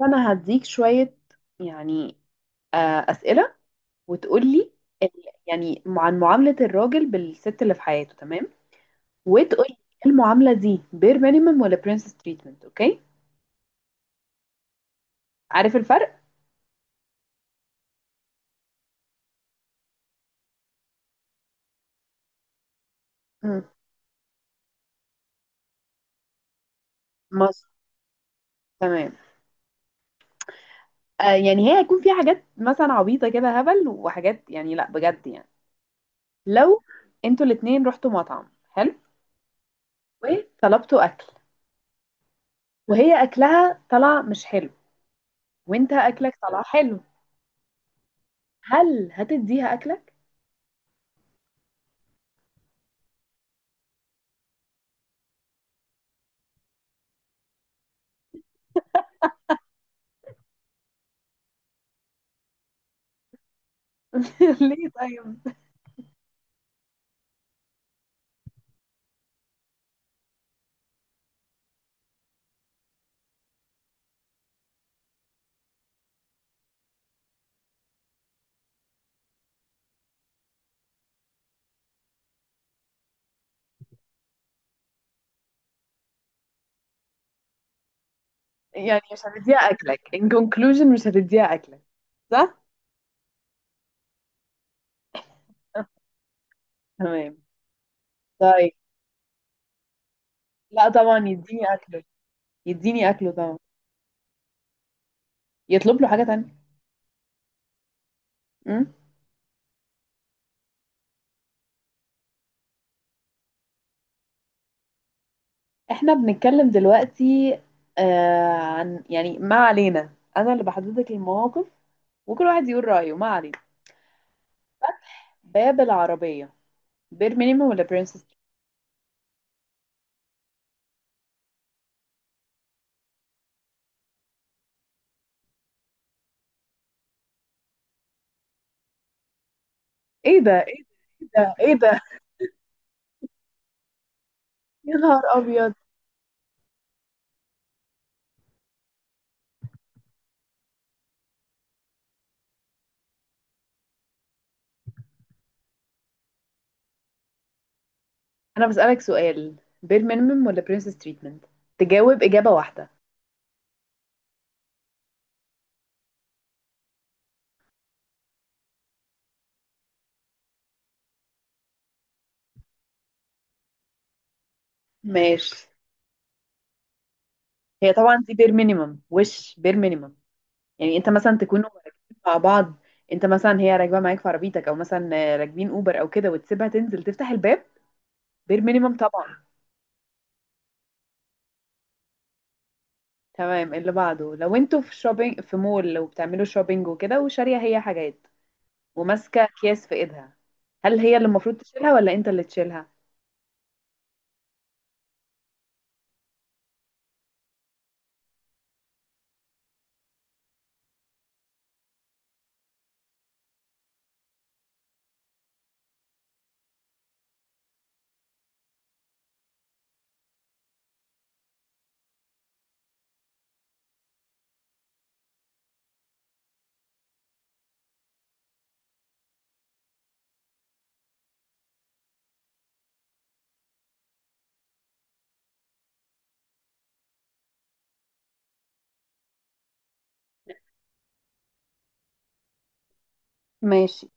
فانا هديك شوية يعني آه، اسئلة وتقولي ال- يعني عن معاملة الراجل بالست اللي في حياته. تمام. وتقولي المعاملة دي بير مينيمم ولا برنسس تريتمنت. اوكي، عارف الفرق؟ مم. مصر. تمام. آه يعني هي هيكون في حاجات مثلا عبيطة كده هبل وحاجات، يعني لا بجد يعني. لو انتوا الاتنين رحتوا مطعم حلو وطلبتوا اكل، وهي اكلها طلع مش حلو وانت اكلك طلع حلو، هل هتديها اكلك؟ ليه طيب؟ يعني مش هتديها اكلك، in conclusion مش هتديها اكلك. صح. تمام. طيب، لا طبعا يديني اكله. يديني اكله طبعا. يطلب له حاجة تانية. أمم. احنا بنتكلم دلوقتي آه عن، يعني ما علينا، انا اللي بحدد لك المواقف وكل واحد يقول رأيه. ما علينا. باب العربية، بير مينيمم ولا برنسس؟ ايه ده؟ ايه ده؟ ايه ده؟ يا نهار ابيض. انا بسألك سؤال، بير مينيمم ولا برنسس تريتمنت؟ تجاوب إجابة واحدة. ماشي. هي طبعا دي بير مينيمم. وش بير مينيمم؟ يعني انت مثلا تكونوا راكبين مع بعض، انت مثلا هي راكبه معاك في عربيتك، او مثلا راكبين اوبر او كده، وتسيبها تنزل تفتح الباب. بير مينيمم طبعا. تمام، اللي بعده. لو انتوا في شوبينج في مول، لو بتعملوا شوبينج وكده وشاريه هي حاجات وماسكه اكياس في ايدها، هل هي اللي المفروض تشيلها ولا انت اللي تشيلها؟ ماشي.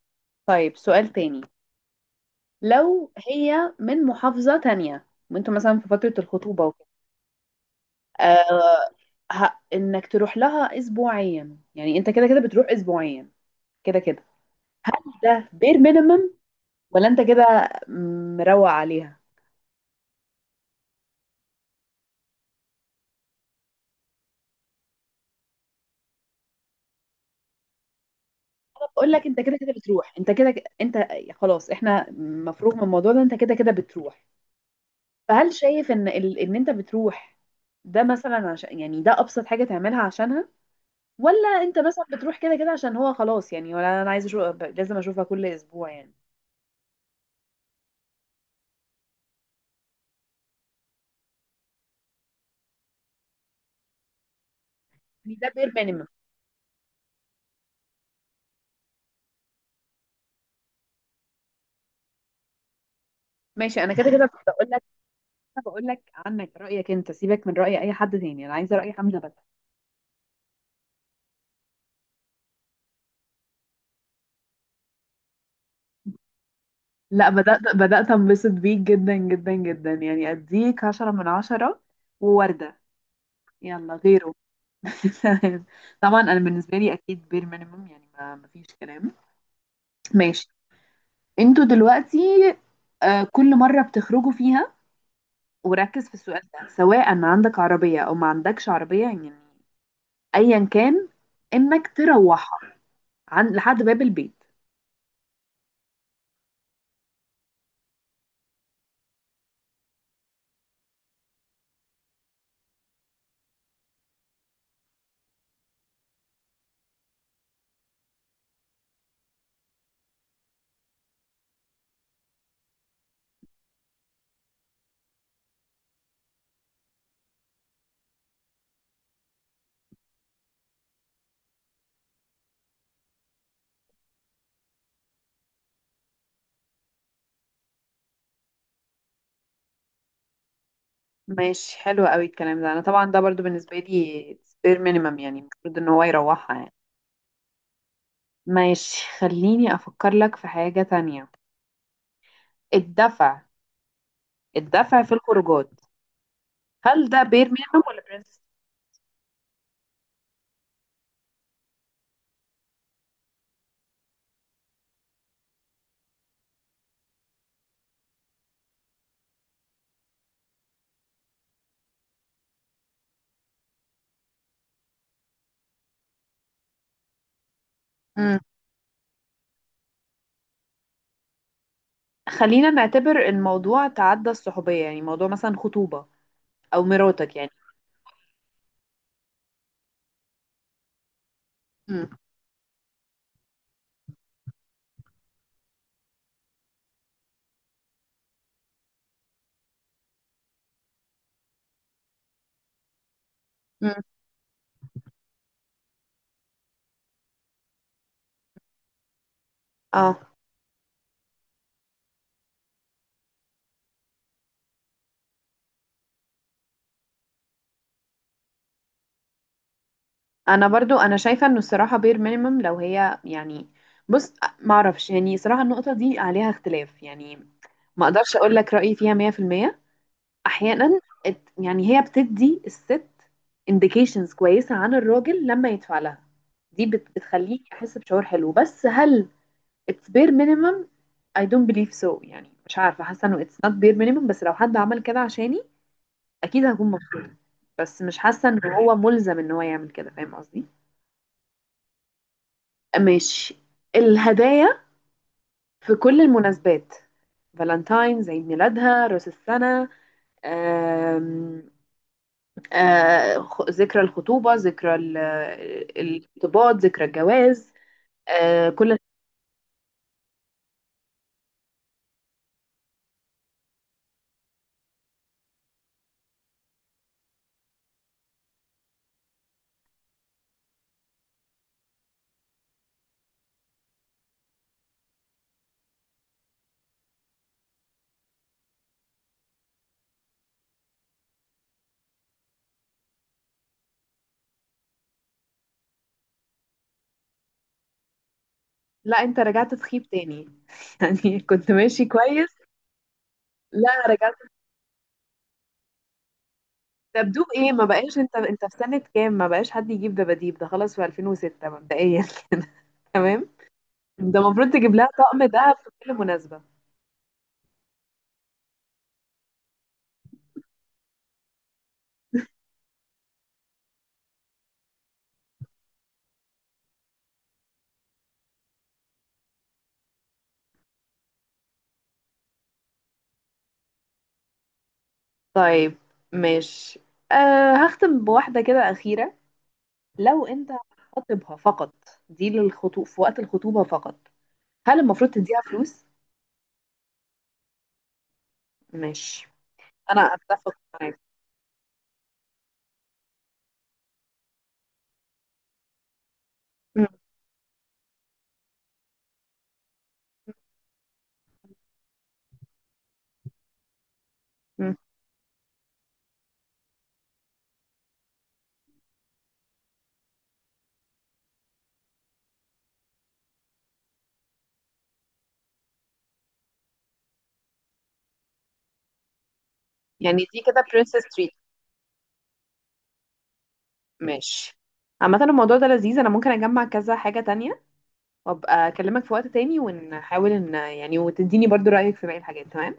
طيب سؤال تاني. لو هي من محافظه تانية وانتوا مثلا في فتره الخطوبه وكده، آه، انك تروح لها اسبوعيا. يعني انت كده كده بتروح اسبوعيا، كده كده. ده بير مينيمم ولا انت كده مروق عليها؟ انا بقول لك، انت كده كده بتروح، انت كده انت خلاص، احنا مفروغ من الموضوع ده، انت كده كده بتروح. فهل شايف ان ان انت بتروح ده مثلا عشان، يعني ده ابسط حاجه تعملها عشانها، ولا انت مثلا بتروح كده كده عشان هو خلاص، يعني ولا انا عايز اشوف، لازم اشوفها كل اسبوع يعني؟ يعني ده بير مينيمم. ماشي، انا كده كده بقول. انا بقول لك عنك، رايك انت، سيبك من راي اي حد تاني، انا عايزه راي حمزه بس. لا، بدأت انبسط بيك جدا جدا جدا، يعني اديك عشرة من عشرة ووردة. يلا غيره. طبعا انا بالنسبة لي اكيد بير مينيمم، يعني ما فيش كلام. ماشي. انتوا دلوقتي، آه، كل مرة بتخرجوا فيها، وركز في السؤال ده، سواء ما عندك عربية او ما عندكش عربية، يعني ايا كان، انك تروحها عن لحد باب البيت. ماشي، حلو قوي الكلام ده. انا طبعا ده برضو بالنسبه لي سبير مينيمم، يعني المفروض ان هو يروحها يعني. ماشي، خليني افكر لك في حاجه تانية. الدفع، الدفع في الخروجات، هل ده بير مينيمم ولا برنس؟ امم. خلينا نعتبر الموضوع تعدى الصحوبيه، يعني موضوع مثلا خطوبه او مراتك يعني. امم. امم. اه. انا برضو انا شايفه انه الصراحه بير مينيمم لو هي يعني، بص، معرفش، يعني صراحه النقطه دي عليها اختلاف يعني، ما اقدرش اقول لك رايي فيها 100%. احيانا، يعني هي بتدي الست indications كويسه عن الراجل لما يدفع لها، دي بتخليه يحس بشعور حلو، بس هل it's bare minimum؟ I don't believe so. يعني مش عارفه، حاسه انه it's not bare minimum، بس لو حد عمل كده عشاني اكيد هكون مبسوطه، بس مش حاسه انه هو ملزم ان هو يعمل كده. فاهم قصدي؟ ماشي. الهدايا في كل المناسبات، فالنتاينز، عيد ميلادها، راس السنه، آه، ذكرى الخطوبة، ذكرى الارتباط، ذكرى الجواز، آه، كل. لا، انت رجعت تخيب تاني. يعني كنت ماشي كويس. لا رجعت. دبدوب ايه؟ ما بقاش انت، انت في سنة كام؟ ما بقاش حد يجيب دباديب، ده خلاص في 2006 مبدئيا. تمام. ده المفروض تجيب لها طقم دهب في كل مناسبة. طيب ماشي. أه، هختم بواحدة كده أخيرة. لو انت خاطبها فقط، دي للخطوب في وقت الخطوبة فقط، هل المفروض تديها فلوس؟ ماشي. انا اتفق معاك. م- م- يعني دي كده برنسس تريت. ماشي. عامة الموضوع ده لذيذ، انا ممكن اجمع كذا حاجة تانية وابقى اكلمك في وقت تاني، ونحاول ان يعني، وتديني برضو رأيك في باقي الحاجات. تمام.